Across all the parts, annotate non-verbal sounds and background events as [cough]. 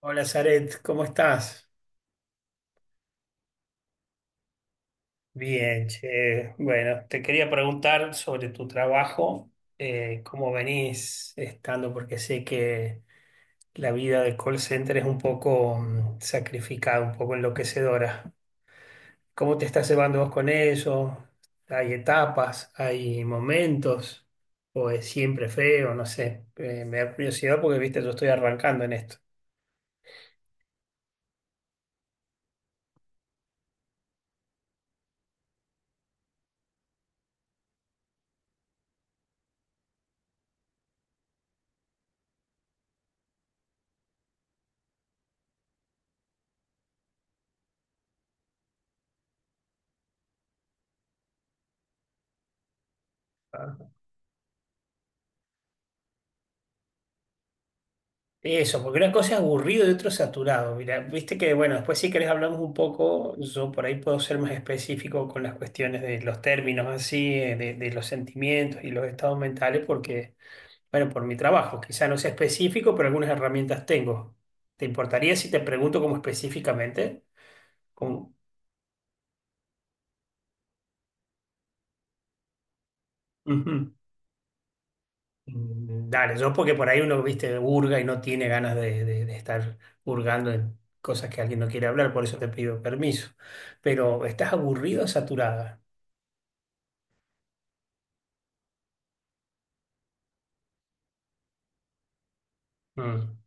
Hola, Zaret, ¿cómo estás? Bien, che. Bueno, te quería preguntar sobre tu trabajo, cómo venís estando, porque sé que la vida de call center es un poco sacrificada, un poco enloquecedora. ¿Cómo te estás llevando vos con eso? ¿Hay etapas, hay momentos, o es siempre feo? No sé. Me da curiosidad porque, viste, yo estoy arrancando en esto. Eso, porque una cosa es aburrido y otro saturado. Mira, viste que, bueno, después si querés hablamos un poco, yo por ahí puedo ser más específico con las cuestiones de los términos así, de los sentimientos y los estados mentales, porque, bueno, por mi trabajo, quizá no sea específico, pero algunas herramientas tengo. ¿Te importaría si te pregunto como específicamente? Como- Ujú. Dale, yo porque por ahí uno, viste, hurga y no tiene ganas de, de estar hurgando en cosas que alguien no quiere hablar, por eso te pido permiso. Pero, ¿estás aburrido o saturada? Mm.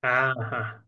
Ajá.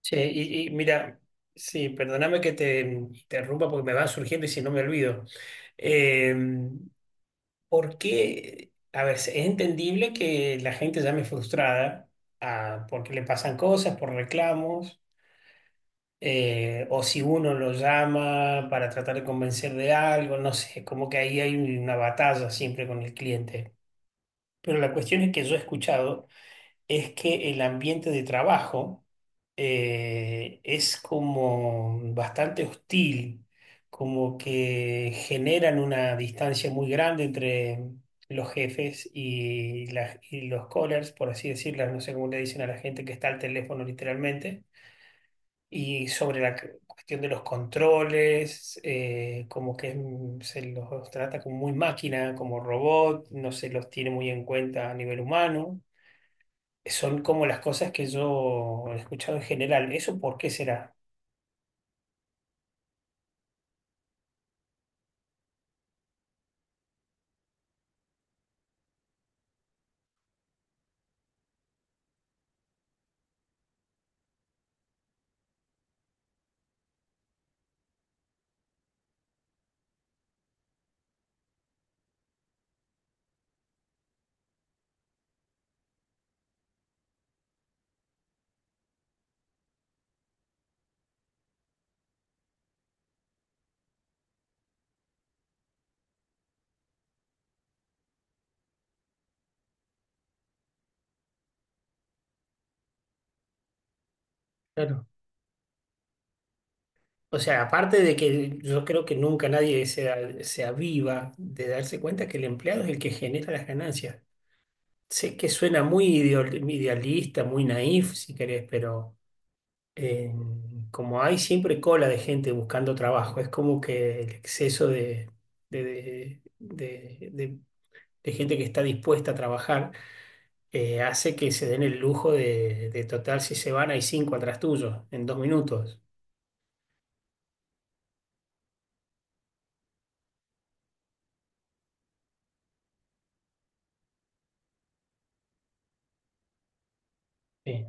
Che, y mira, sí, perdóname que te interrumpa porque me van surgiendo y si no me olvido. Eh, ¿Por qué? A ver, es entendible que la gente llame frustrada, porque le pasan cosas, por reclamos. O si uno lo llama para tratar de convencer de algo, no sé, como que ahí hay una batalla siempre con el cliente. Pero la cuestión es que yo he escuchado es que el ambiente de trabajo es como bastante hostil, como que generan una distancia muy grande entre los jefes y, y los callers, por así decirlo, no sé cómo le dicen a la gente que está al teléfono literalmente, y sobre la cuestión de los controles, como que se los trata como muy máquina, como robot, no se los tiene muy en cuenta a nivel humano. Son como las cosas que yo he escuchado en general. ¿Eso por qué será? Claro. O sea, aparte de que yo creo que nunca nadie se, se aviva de darse cuenta que el empleado es el que genera las ganancias. Sé que suena muy idealista, muy naif, si querés, pero... eh, como hay siempre cola de gente buscando trabajo, es como que el exceso de, de- de- de- de- de gente que está dispuesta a trabajar hace que se den el lujo de total, si se van, hay cinco atrás tuyo en dos minutos. Eh,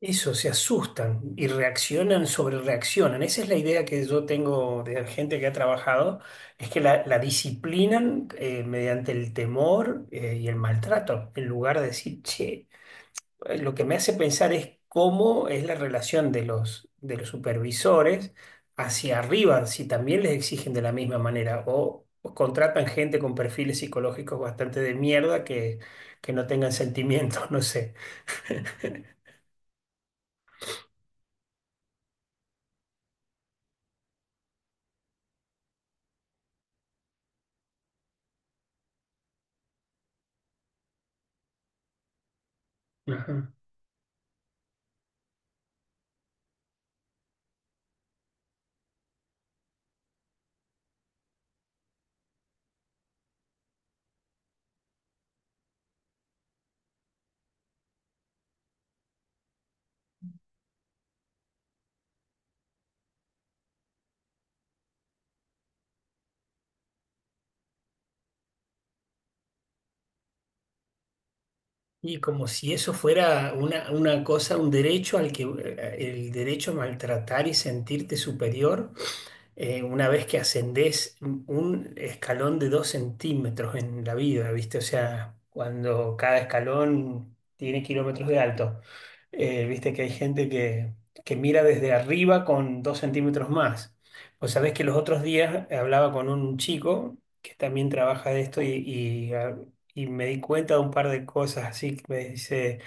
Eso, se asustan y reaccionan, sobre reaccionan. Esa es la idea que yo tengo de gente que ha trabajado, es que la disciplinan mediante el temor y el maltrato, en lugar de decir, che. Lo que me hace pensar es cómo es la relación de los supervisores hacia arriba, si también les exigen de la misma manera o contratan gente con perfiles psicológicos bastante de mierda que no tengan sentimientos, [laughs] no sé. Ajá. Y como si eso fuera una cosa, un derecho al que el derecho a maltratar y sentirte superior una vez que ascendés un escalón de dos centímetros en la vida, ¿viste? O sea, cuando cada escalón tiene kilómetros de alto. ¿Viste? Que hay gente que mira desde arriba con dos centímetros más. Pues sabés que los otros días hablaba con un chico que también trabaja de esto y, y me di cuenta de un par de cosas así que me dice,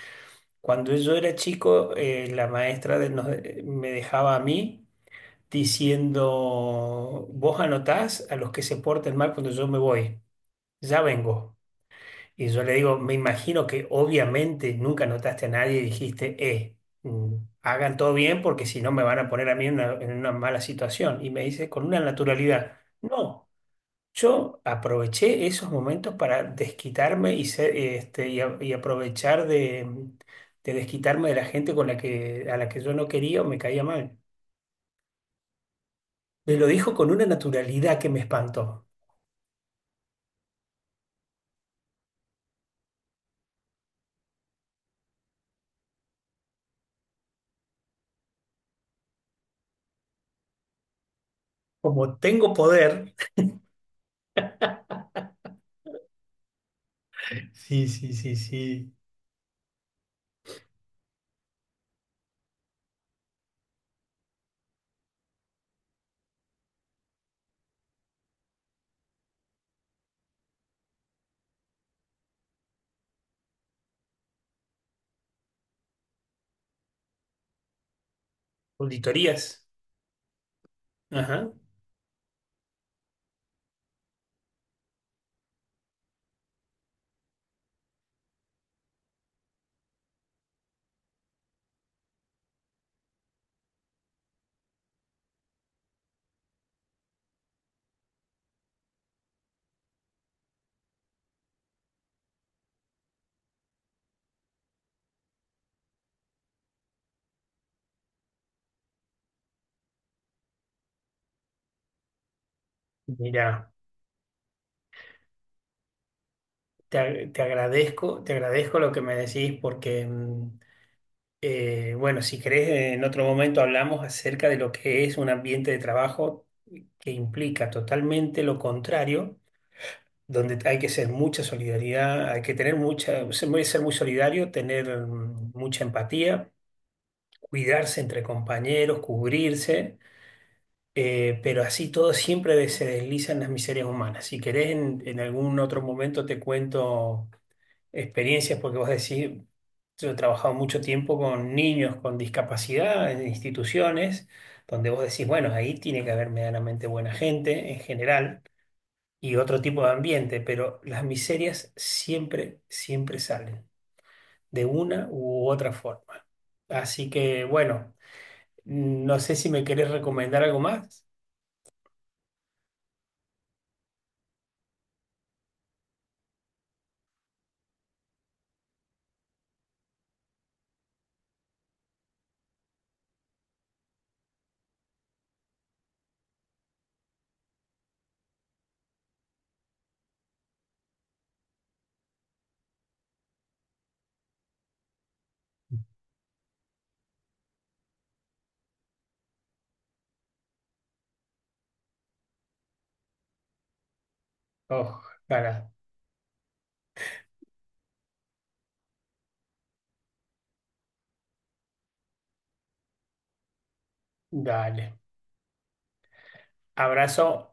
cuando yo era chico, la me dejaba a mí diciendo, vos anotás a los que se porten mal cuando yo me voy, ya vengo. Y yo le digo, me imagino que obviamente nunca anotaste a nadie y dijiste, mm, hagan todo bien porque si no me van a poner a mí en una mala situación. Y me dice con una naturalidad, no, yo aproveché esos momentos para desquitarme y, ser, este, y, y aprovechar de desquitarme de la gente con la que, a la que yo no quería o me caía mal. Me lo dijo con una naturalidad que me espantó. Como tengo poder, sí, sí, sí, sí, auditorías. Ajá. Mira, te, te agradezco lo que me decís porque, bueno, si querés, en otro momento hablamos acerca de lo que es un ambiente de trabajo que implica totalmente lo contrario, donde hay que ser mucha solidaridad, hay que tener mucha, ser muy, ser muy solidario, tener mucha empatía, cuidarse entre compañeros, cubrirse. Pero así todo siempre se deslizan las miserias humanas. Si querés, en algún otro momento te cuento experiencias, porque vos decís, yo he trabajado mucho tiempo con niños con discapacidad en instituciones, donde vos decís, bueno, ahí tiene que haber medianamente buena gente en general y otro tipo de ambiente, pero las miserias siempre, siempre salen, de una u otra forma. Así que, bueno, no sé si me querés recomendar algo más. Ojalá. Dale. Abrazo.